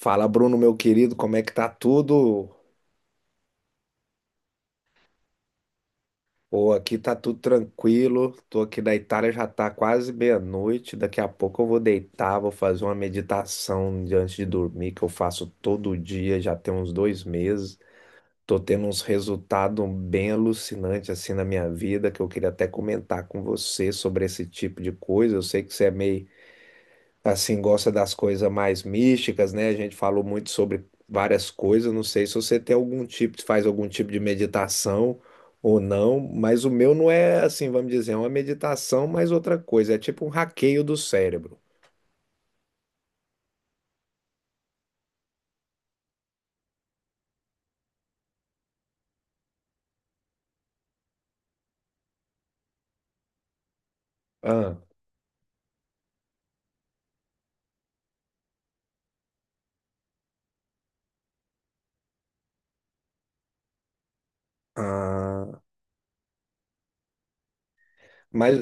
Fala, Bruno, meu querido, como é que tá tudo? Pô, aqui tá tudo tranquilo. Tô aqui na Itália, já tá quase meia-noite. Daqui a pouco eu vou deitar, vou fazer uma meditação antes de dormir, que eu faço todo dia, já tem uns 2 meses. Tô tendo uns resultados bem alucinantes assim na minha vida, que eu queria até comentar com você sobre esse tipo de coisa. Eu sei que você é meio assim, gosta das coisas mais místicas, né? A gente falou muito sobre várias coisas. Não sei se você tem algum tipo, faz algum tipo de meditação ou não, mas o meu não é assim, vamos dizer, é uma meditação, mas outra coisa. É tipo um hackeio do cérebro. Ah, ah, mas,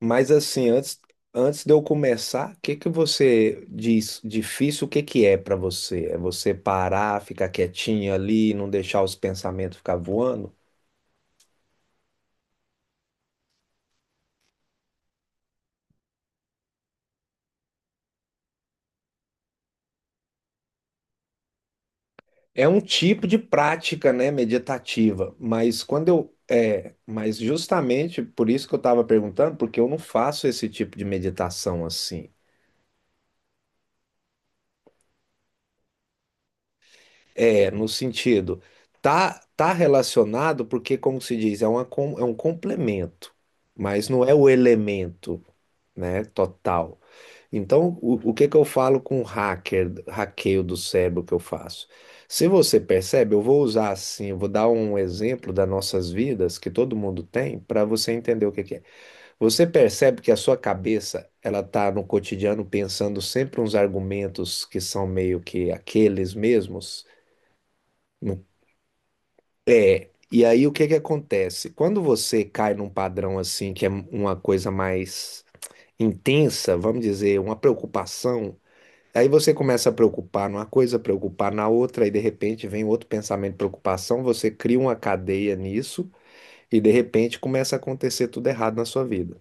mas assim, antes de eu começar, o que que você diz difícil? O que que é para você? É você parar, ficar quietinho ali, não deixar os pensamentos ficar voando? É um tipo de prática, né, meditativa, mas mas justamente por isso que eu estava perguntando, porque eu não faço esse tipo de meditação assim. É, no sentido, tá relacionado porque, como se diz, é um complemento, mas não é o elemento, né, total. Então, o que que eu falo com hacker, hackeio do cérebro que eu faço? Se você percebe, eu vou usar assim, eu vou dar um exemplo das nossas vidas que todo mundo tem para você entender o que que é. Você percebe que a sua cabeça, ela tá no cotidiano pensando sempre uns argumentos que são meio que aqueles mesmos? No- E aí o que que acontece? Quando você cai num padrão assim, que é uma coisa mais intensa, vamos dizer, uma preocupação. Aí você começa a preocupar numa coisa, preocupar na outra, e de repente vem outro pensamento de preocupação, você cria uma cadeia nisso, e de repente começa a acontecer tudo errado na sua vida.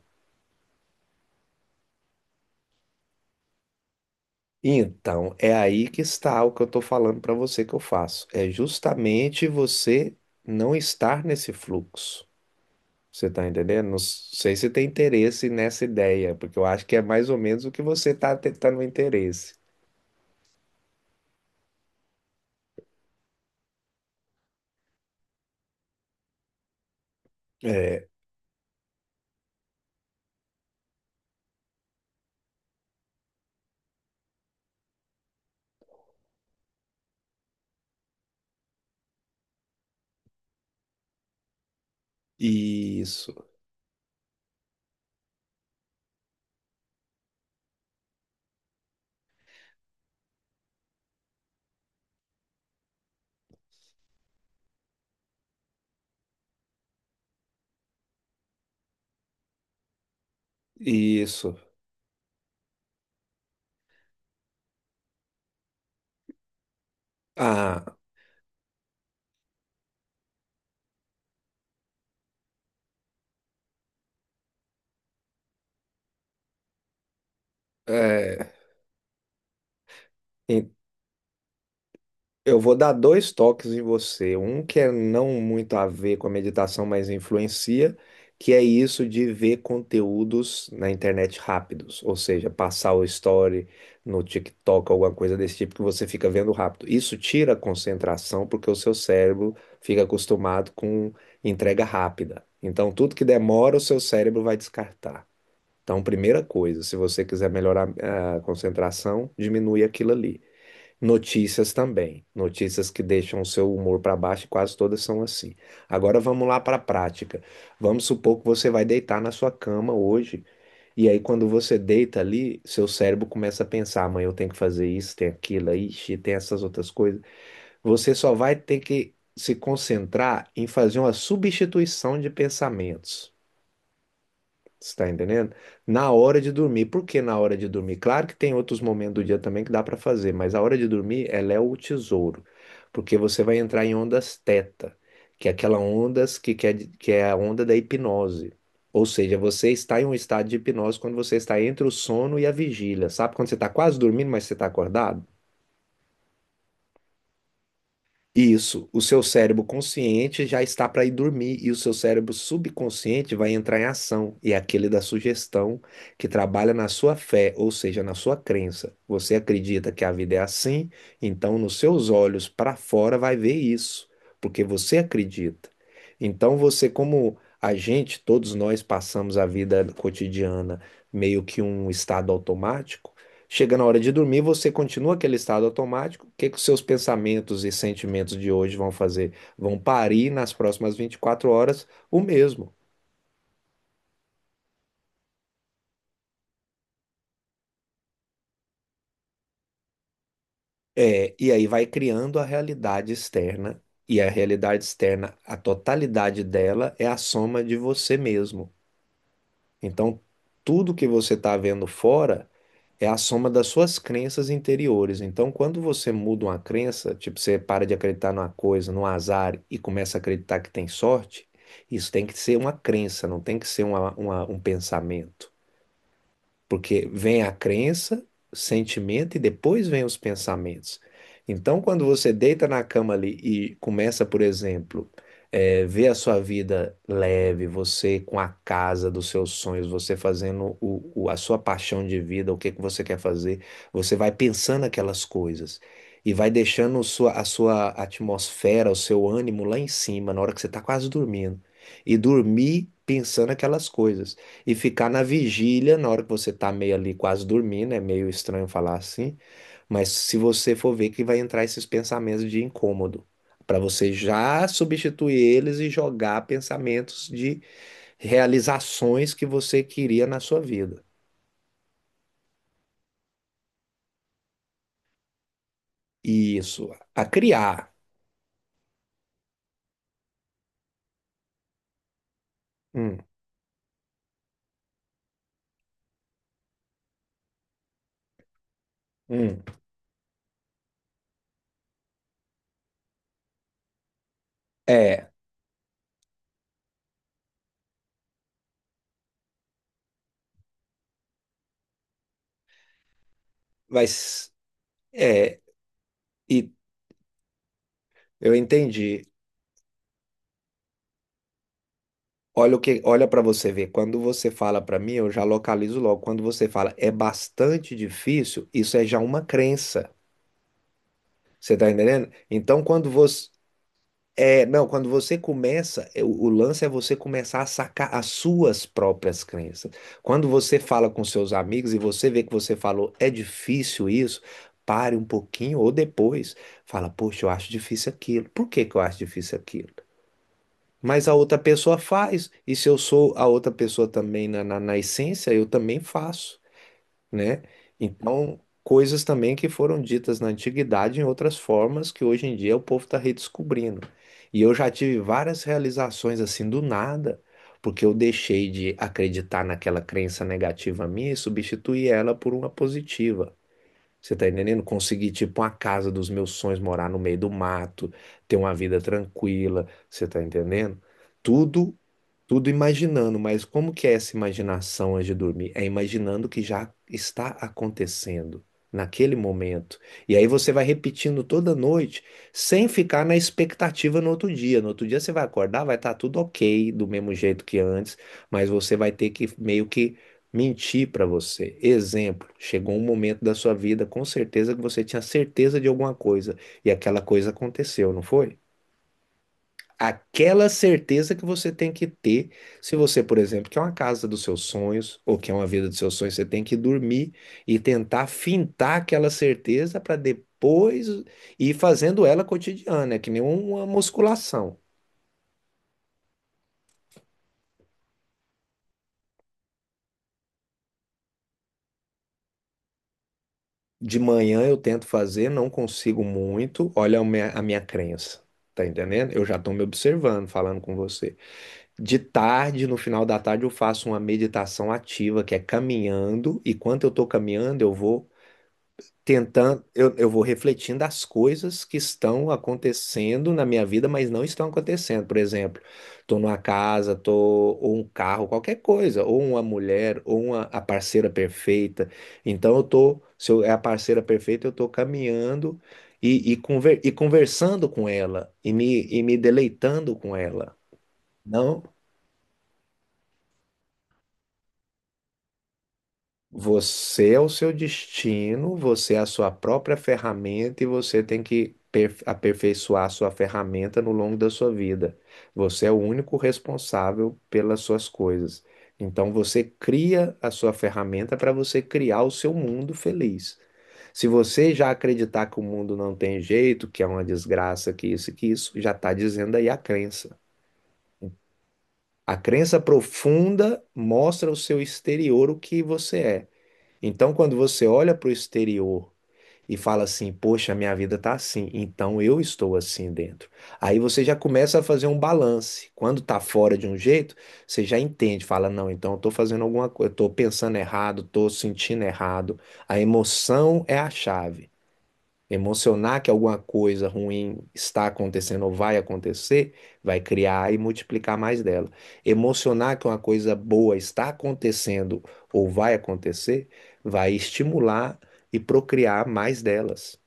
Então, é aí que está o que eu estou falando para você que eu faço. É justamente você não estar nesse fluxo. Você está entendendo? Não sei se tem interesse nessa ideia, porque eu acho que é mais ou menos o que você está tentando interesse. É, isso, isso. Ah, é. Eu vou dar dois toques em você. Um que é não muito a ver com a meditação, mas influencia, que é isso de ver conteúdos na internet rápidos, ou seja, passar o story no TikTok, alguma coisa desse tipo que você fica vendo rápido. Isso tira a concentração porque o seu cérebro fica acostumado com entrega rápida. Então, tudo que demora, o seu cérebro vai descartar. Então, primeira coisa, se você quiser melhorar a concentração, diminui aquilo ali. Notícias também. Notícias que deixam o seu humor para baixo, e quase todas são assim. Agora vamos lá para a prática. Vamos supor que você vai deitar na sua cama hoje, e aí quando você deita ali, seu cérebro começa a pensar: amanhã eu tenho que fazer isso, tem aquilo, ixi, tem essas outras coisas. Você só vai ter que se concentrar em fazer uma substituição de pensamentos. Você está entendendo? Na hora de dormir. Por que na hora de dormir? Claro que tem outros momentos do dia também que dá para fazer, mas a hora de dormir, ela é o tesouro, porque você vai entrar em ondas teta, que é aquela ondas que é a onda da hipnose. Ou seja, você está em um estado de hipnose quando você está entre o sono e a vigília. Sabe quando você está quase dormindo, mas você está acordado? Isso, o seu cérebro consciente já está para ir dormir e o seu cérebro subconsciente vai entrar em ação, e é aquele da sugestão que trabalha na sua fé, ou seja, na sua crença. Você acredita que a vida é assim, então nos seus olhos para fora vai ver isso, porque você acredita. Então você, como a gente, todos nós passamos a vida cotidiana meio que um estado automático. Chega na hora de dormir, você continua aquele estado automático. O que que os seus pensamentos e sentimentos de hoje vão fazer? Vão parir nas próximas 24 horas o mesmo. É, e aí vai criando a realidade externa. E a realidade externa, a totalidade dela é a soma de você mesmo. Então, tudo que você está vendo fora é a soma das suas crenças interiores. Então, quando você muda uma crença, tipo, você para de acreditar numa coisa, num azar, e começa a acreditar que tem sorte, isso tem que ser uma crença, não tem que ser um pensamento. Porque vem a crença, sentimento e depois vem os pensamentos. Então, quando você deita na cama ali e começa, por exemplo, ver a sua vida leve, você com a casa dos seus sonhos, você fazendo a sua paixão de vida, o que que você quer fazer, você vai pensando aquelas coisas e vai deixando a sua atmosfera, o seu ânimo lá em cima, na hora que você está quase dormindo. E dormir pensando aquelas coisas. E ficar na vigília, na hora que você tá meio ali quase dormindo, é meio estranho falar assim, mas se você for ver que vai entrar esses pensamentos de incômodo, para você já substituir eles e jogar pensamentos de realizações que você queria na sua vida. Isso, a criar. Hum, hum. É, mas é, e eu entendi. Olha o que, olha para você ver. Quando você fala para mim, eu já localizo logo. Quando você fala é bastante difícil, isso é já uma crença. Você tá entendendo? Então, quando você é, não, quando você começa, é, o lance é você começar a sacar as suas próprias crenças. Quando você fala com seus amigos e você vê que você falou é difícil isso, pare um pouquinho ou depois fala, poxa, eu acho difícil aquilo. Por que que eu acho difícil aquilo? Mas a outra pessoa faz. E se eu sou a outra pessoa também na essência, eu também faço, né? Então, coisas também que foram ditas na antiguidade em outras formas que hoje em dia o povo está redescobrindo. E eu já tive várias realizações assim do nada, porque eu deixei de acreditar naquela crença negativa minha e substituí ela por uma positiva. Você tá entendendo? Conseguir, tipo, uma casa dos meus sonhos, morar no meio do mato, ter uma vida tranquila, você tá entendendo? Tudo Tudo imaginando, mas como que é essa imaginação antes de dormir? É imaginando o que já está acontecendo naquele momento. E aí você vai repetindo toda noite, sem ficar na expectativa no outro dia. No outro dia você vai acordar, vai estar tudo ok, do mesmo jeito que antes, mas você vai ter que meio que mentir para você. Exemplo, chegou um momento da sua vida, com certeza que você tinha certeza de alguma coisa, e aquela coisa aconteceu, não foi? Aquela certeza que você tem que ter, se você, por exemplo, quer uma casa dos seus sonhos ou quer uma vida dos seus sonhos, você tem que dormir e tentar fintar aquela certeza para depois ir fazendo ela cotidiana, é que nem uma musculação. De manhã eu tento fazer, não consigo muito, olha a minha crença. Tá entendendo? Eu já estou me observando, falando com você. De tarde, no final da tarde, eu faço uma meditação ativa, que é caminhando, e quando eu estou caminhando, eu vou tentando, eu vou refletindo as coisas que estão acontecendo na minha vida, mas não estão acontecendo. Por exemplo, estou numa casa, tô, ou um carro, qualquer coisa, ou uma mulher, ou uma, a parceira perfeita. Então eu tô, se eu, é a parceira perfeita, eu tô caminhando e conversando com ela, e me deleitando com ela. Não, você é o seu destino, você é a sua própria ferramenta e você tem que aperfeiçoar a sua ferramenta no longo da sua vida. Você é o único responsável pelas suas coisas. Então você cria a sua ferramenta para você criar o seu mundo feliz. Se você já acreditar que o mundo não tem jeito, que é uma desgraça, que isso, e que isso, já está dizendo aí a crença. A crença profunda mostra o seu exterior, o que você é. Então, quando você olha para o exterior e fala assim, poxa, minha vida tá assim, então eu estou assim dentro. Aí você já começa a fazer um balance. Quando tá fora de um jeito, você já entende, fala, não, então eu tô fazendo alguma coisa, eu tô pensando errado, tô sentindo errado. A emoção é a chave. Emocionar que alguma coisa ruim está acontecendo ou vai acontecer, vai criar e multiplicar mais dela. Emocionar que uma coisa boa está acontecendo ou vai acontecer, vai estimular e procriar mais delas,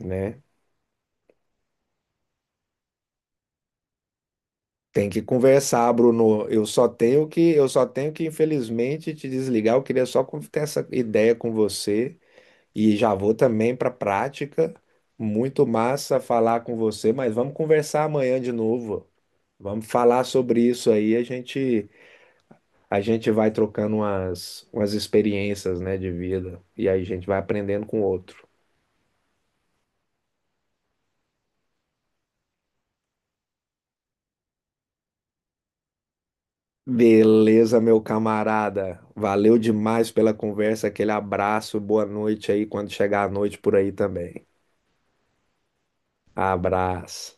né? Tem que conversar, Bruno. Eu só tenho que, infelizmente, te desligar. Eu queria só ter essa ideia com você e já vou também para a prática. Muito massa falar com você, mas vamos conversar amanhã de novo. Vamos falar sobre isso aí, a gente vai trocando umas, umas experiências, né, de vida e aí a gente vai aprendendo com o outro. Beleza, meu camarada. Valeu demais pela conversa, aquele abraço, boa noite aí quando chegar a noite por aí também. Abraço.